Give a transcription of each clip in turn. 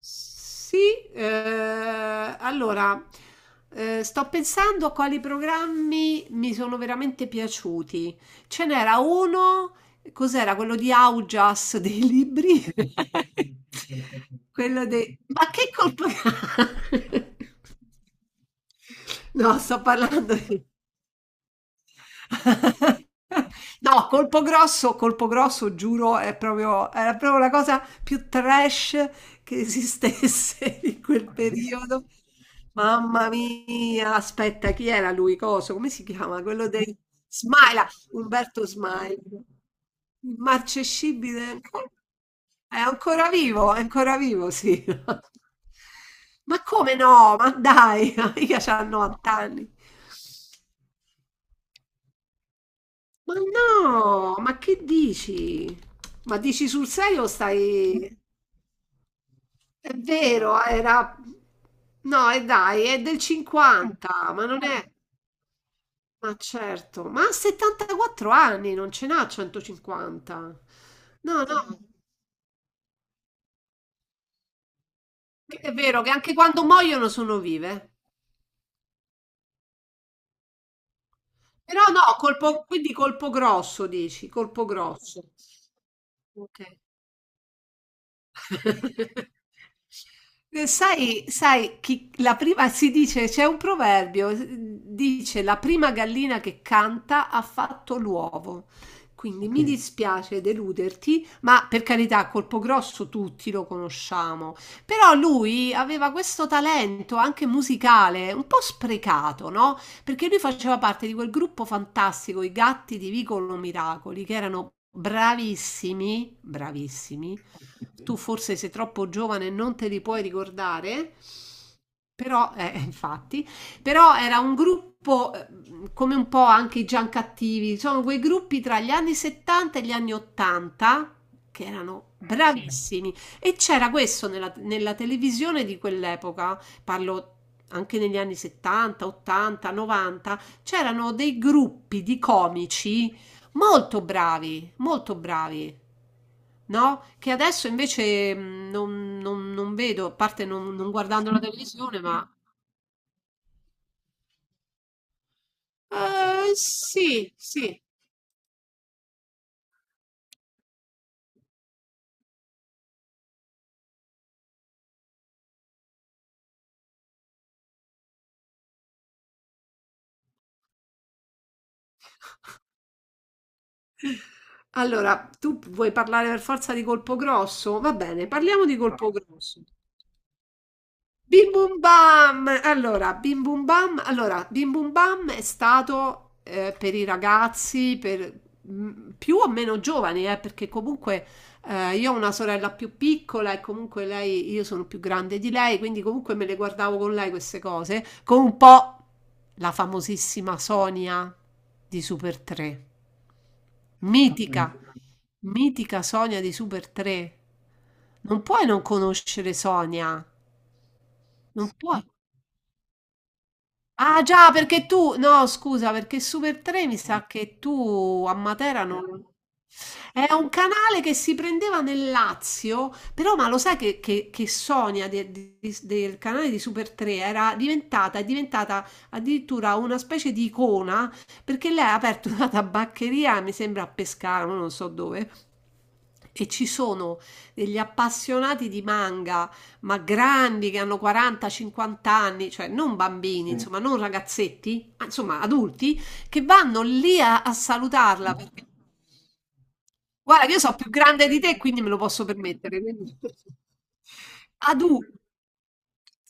Sì, eh, allora sto pensando a quali programmi mi sono veramente piaciuti. Ce n'era uno, cos'era quello di Augias dei libri? Quello dei... Ma che colpa... No, sto parlando di... No, colpo grosso, giuro, era proprio la cosa più trash che esistesse in quel periodo. Mamma mia, aspetta, chi era lui? Coso? Come si chiama? Quello dei Smaila, Umberto Smaila. Immarcescibile. È ancora vivo, sì. Ma come no? Ma dai, mica c'ha 90 anni. Ma no, ma che dici? Ma dici sul serio stai... È vero, era... No, e dai, è del 50, ma non è... Ma certo, ma ha 74 anni, non ce n'ha 150. No, no, è vero che anche quando muoiono sono vive. Però no, quindi colpo grosso, dici, colpo grosso. Ok. Sai, la prima, si dice, c'è un proverbio, dice la prima gallina che canta ha fatto l'uovo. Quindi mi dispiace deluderti, ma per carità, Colpo Grosso tutti lo conosciamo. Però lui aveva questo talento anche musicale, un po' sprecato, no? Perché lui faceva parte di quel gruppo fantastico, i Gatti di Vicolo Miracoli, che erano bravissimi, bravissimi. Tu forse sei troppo giovane e non te li puoi ricordare, però, infatti, però era un gruppo come un po' anche i Giancattivi, sono quei gruppi tra gli anni 70 e gli anni 80 che erano bravissimi. E c'era questo nella, nella televisione di quell'epoca, parlo anche negli anni 70, 80, 90, c'erano dei gruppi di comici molto bravi, molto bravi. No? Che adesso invece non vedo, a parte non guardando la televisione, ma... sì, sì. Allora, tu vuoi parlare per forza di colpo grosso? Va bene, parliamo di colpo grosso. Bim Bum Bam! Allora, Bim Bum Bam, allora, Bim Bum Bam è stato per i ragazzi, per più o meno giovani, perché comunque io ho una sorella più piccola e comunque lei, io sono più grande di lei, quindi comunque me le guardavo con lei queste cose, con un po' la famosissima Sonia di Super 3, mitica, mitica Sonia di Super 3. Non puoi non conoscere Sonia, non puoi. Ah già, perché tu, no, scusa, perché Super 3 mi sa che tu a Matera non... È un canale che si prendeva nel Lazio, però ma lo sai che, che Sonia del canale di Super 3 è diventata addirittura una specie di icona, perché lei ha aperto una tabaccheria, mi sembra a Pescara, ma non so dove, e ci sono degli appassionati di manga ma grandi che hanno 40-50 anni, cioè non bambini, insomma, non ragazzetti, ma insomma adulti, che vanno lì a salutarla perché guarda che io so' più grande di te e quindi me lo posso permettere, quindi. Adu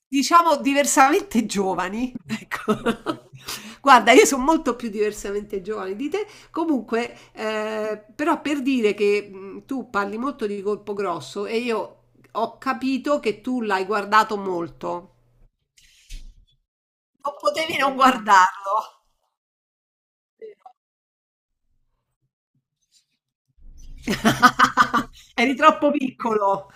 diciamo diversamente giovani, ecco. Guarda, io son molto più diversamente giovane di te. Comunque, però per dire che, tu parli molto di Colpo Grosso e io ho capito che tu l'hai guardato molto. Non potevi non guardarlo. Eri troppo piccolo.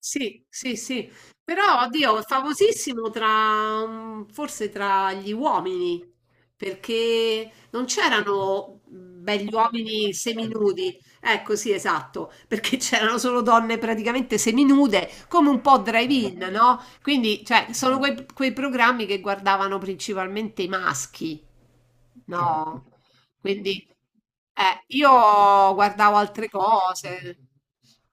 Sì, sì, sì, però oddio, è famosissimo tra, forse tra gli uomini, perché non c'erano belli uomini seminudi, ecco sì, esatto, perché c'erano solo donne praticamente seminude, come un po' drive-in, no? Quindi, cioè, sono quei, quei programmi che guardavano principalmente i maschi, no? Quindi io guardavo altre cose,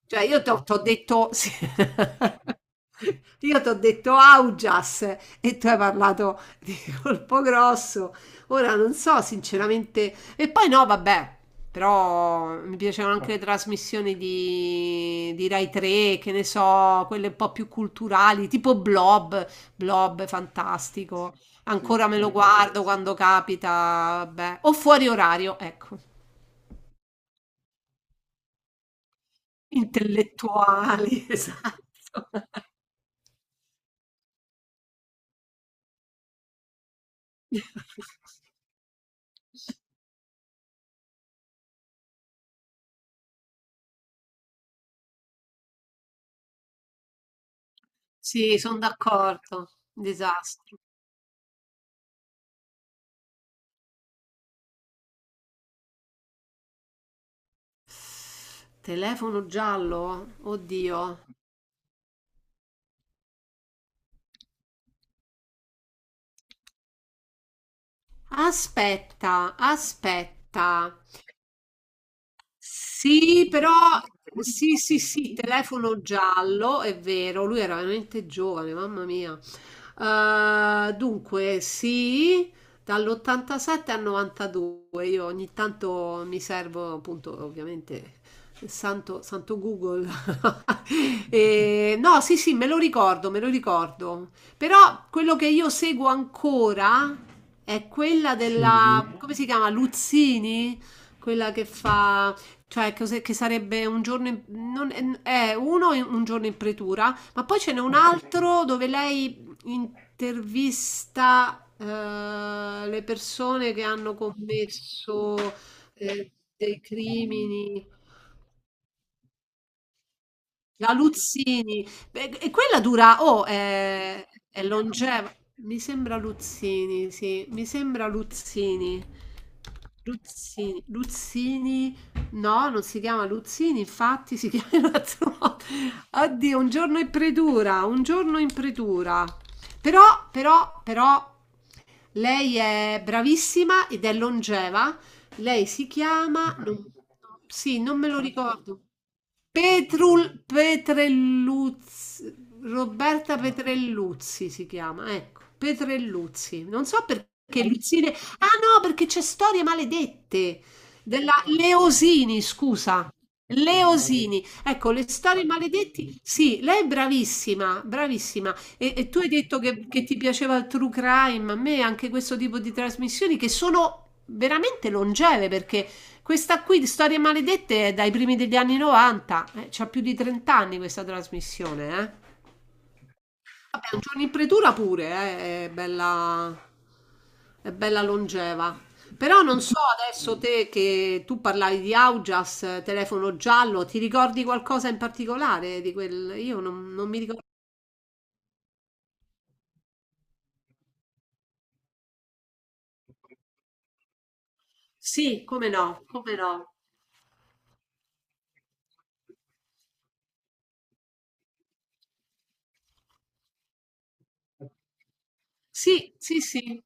cioè io ti ho detto, sì. Io ti ho detto Augias e tu hai parlato di colpo grosso, ora non so sinceramente, e poi no, vabbè, però mi piacevano anche le trasmissioni di, Rai 3, che ne so, quelle un po' più culturali, tipo Blob. Blob, fantastico. Ancora me lo guardo quando capita, vabbè. O fuori orario, ecco. Intellettuali, esatto. Sì, sono d'accordo. Disastro. Telefono giallo? Oddio. Aspetta, aspetta. Sì, però sì, sì, sì, telefono giallo, è vero, lui era veramente giovane, mamma mia. Dunque, sì, dall'87 al 92, io ogni tanto mi servo, appunto, ovviamente, il santo, santo Google. E, no, sì, sì, me lo ricordo, me lo ricordo. Però quello che io seguo ancora è quella della, come si chiama, Luzzini? Quella che fa, cioè cos'è- che sarebbe un giorno in- non- un giorno in pretura, ma poi ce n'è un altro dove lei intervista le persone che hanno commesso dei crimini. La Luzzini, beh, e quella dura, oh, è longeva. Mi sembra Luzzini, sì, mi sembra Luzzini. Luzzini, Luzzini, no, non si chiama Luzzini, infatti si chiama in un altro modo. Oddio, un giorno in predura, un giorno in predura. Però, però, però, lei è bravissima ed è longeva. Lei si chiama, sì, non me lo ricordo. Petrul Petrelluzzi, Roberta Petrelluzzi si chiama, ecco, Petrelluzzi. Non so perché Luzzine. Ah no, perché c'è Storie Maledette della Leosini, scusa. Leosini, ecco, le storie maledetti. Sì, lei è bravissima, bravissima. E tu hai detto che ti piaceva il true crime, a me anche questo tipo di trasmissioni che sono veramente longeve perché questa qui di Storie Maledette è dai primi degli anni 90, c'ha più di 30 anni questa trasmissione, eh. Vabbè, un giorno in pretura pure, è bella longeva. Però non so adesso te che tu parlavi di Augias, telefono giallo, ti ricordi qualcosa in particolare di quel... Io non, non mi ricordo. Sì, come no, come no. Sì, sì, sì,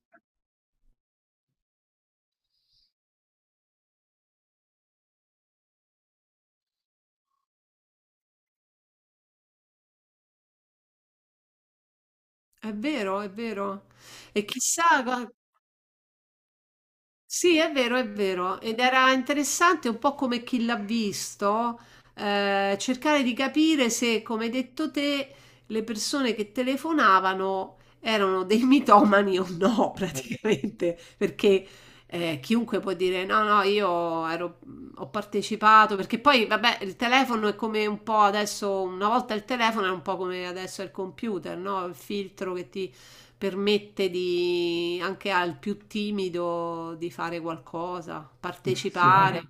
è vero, è vero. E chissà, sì, è vero, è vero. Ed era interessante un po' come chi l'ha visto, cercare di capire se, come hai detto te, le persone che telefonavano erano dei mitomani o no, praticamente, perché chiunque può dire no, no, ho partecipato, perché poi, vabbè, il telefono è come un po' adesso, una volta il telefono era un po' come adesso è il computer, no? Il filtro che ti permette di, anche al più timido di fare qualcosa, partecipare.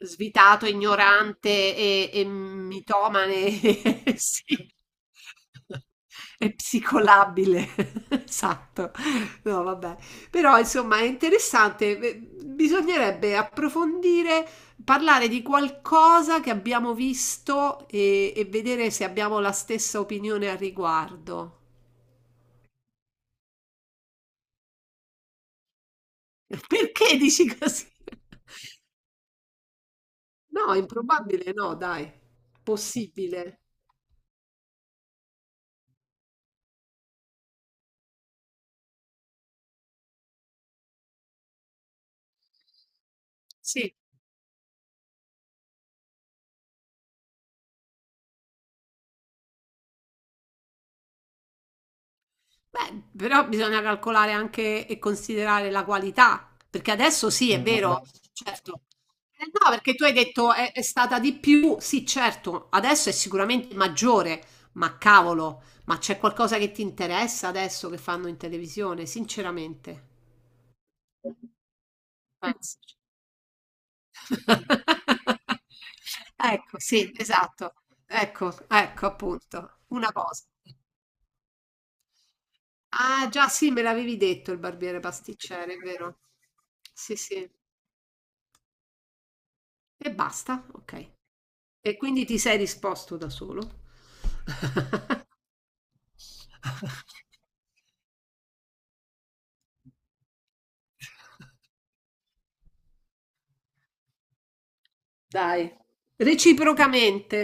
Svitato, ignorante e mitomane, sì. È psicolabile, esatto. No, vabbè. Però insomma è interessante. Bisognerebbe approfondire, parlare di qualcosa che abbiamo visto e vedere se abbiamo la stessa opinione al riguardo. Perché dici così? No, improbabile no, dai. Possibile. Sì. Beh, però bisogna calcolare anche e considerare la qualità, perché adesso sì, è vero, certo. No, perché tu hai detto è stata di più, sì, certo, adesso è sicuramente maggiore, ma cavolo, ma c'è qualcosa che ti interessa adesso che fanno in televisione, sinceramente. Ecco, sì, esatto. Ecco, ecco appunto, una cosa. Ah, già sì, me l'avevi detto il barbiere pasticcere, è vero? Sì, sì. E basta, ok. E quindi ti sei risposto da solo? Dai, reciprocamente.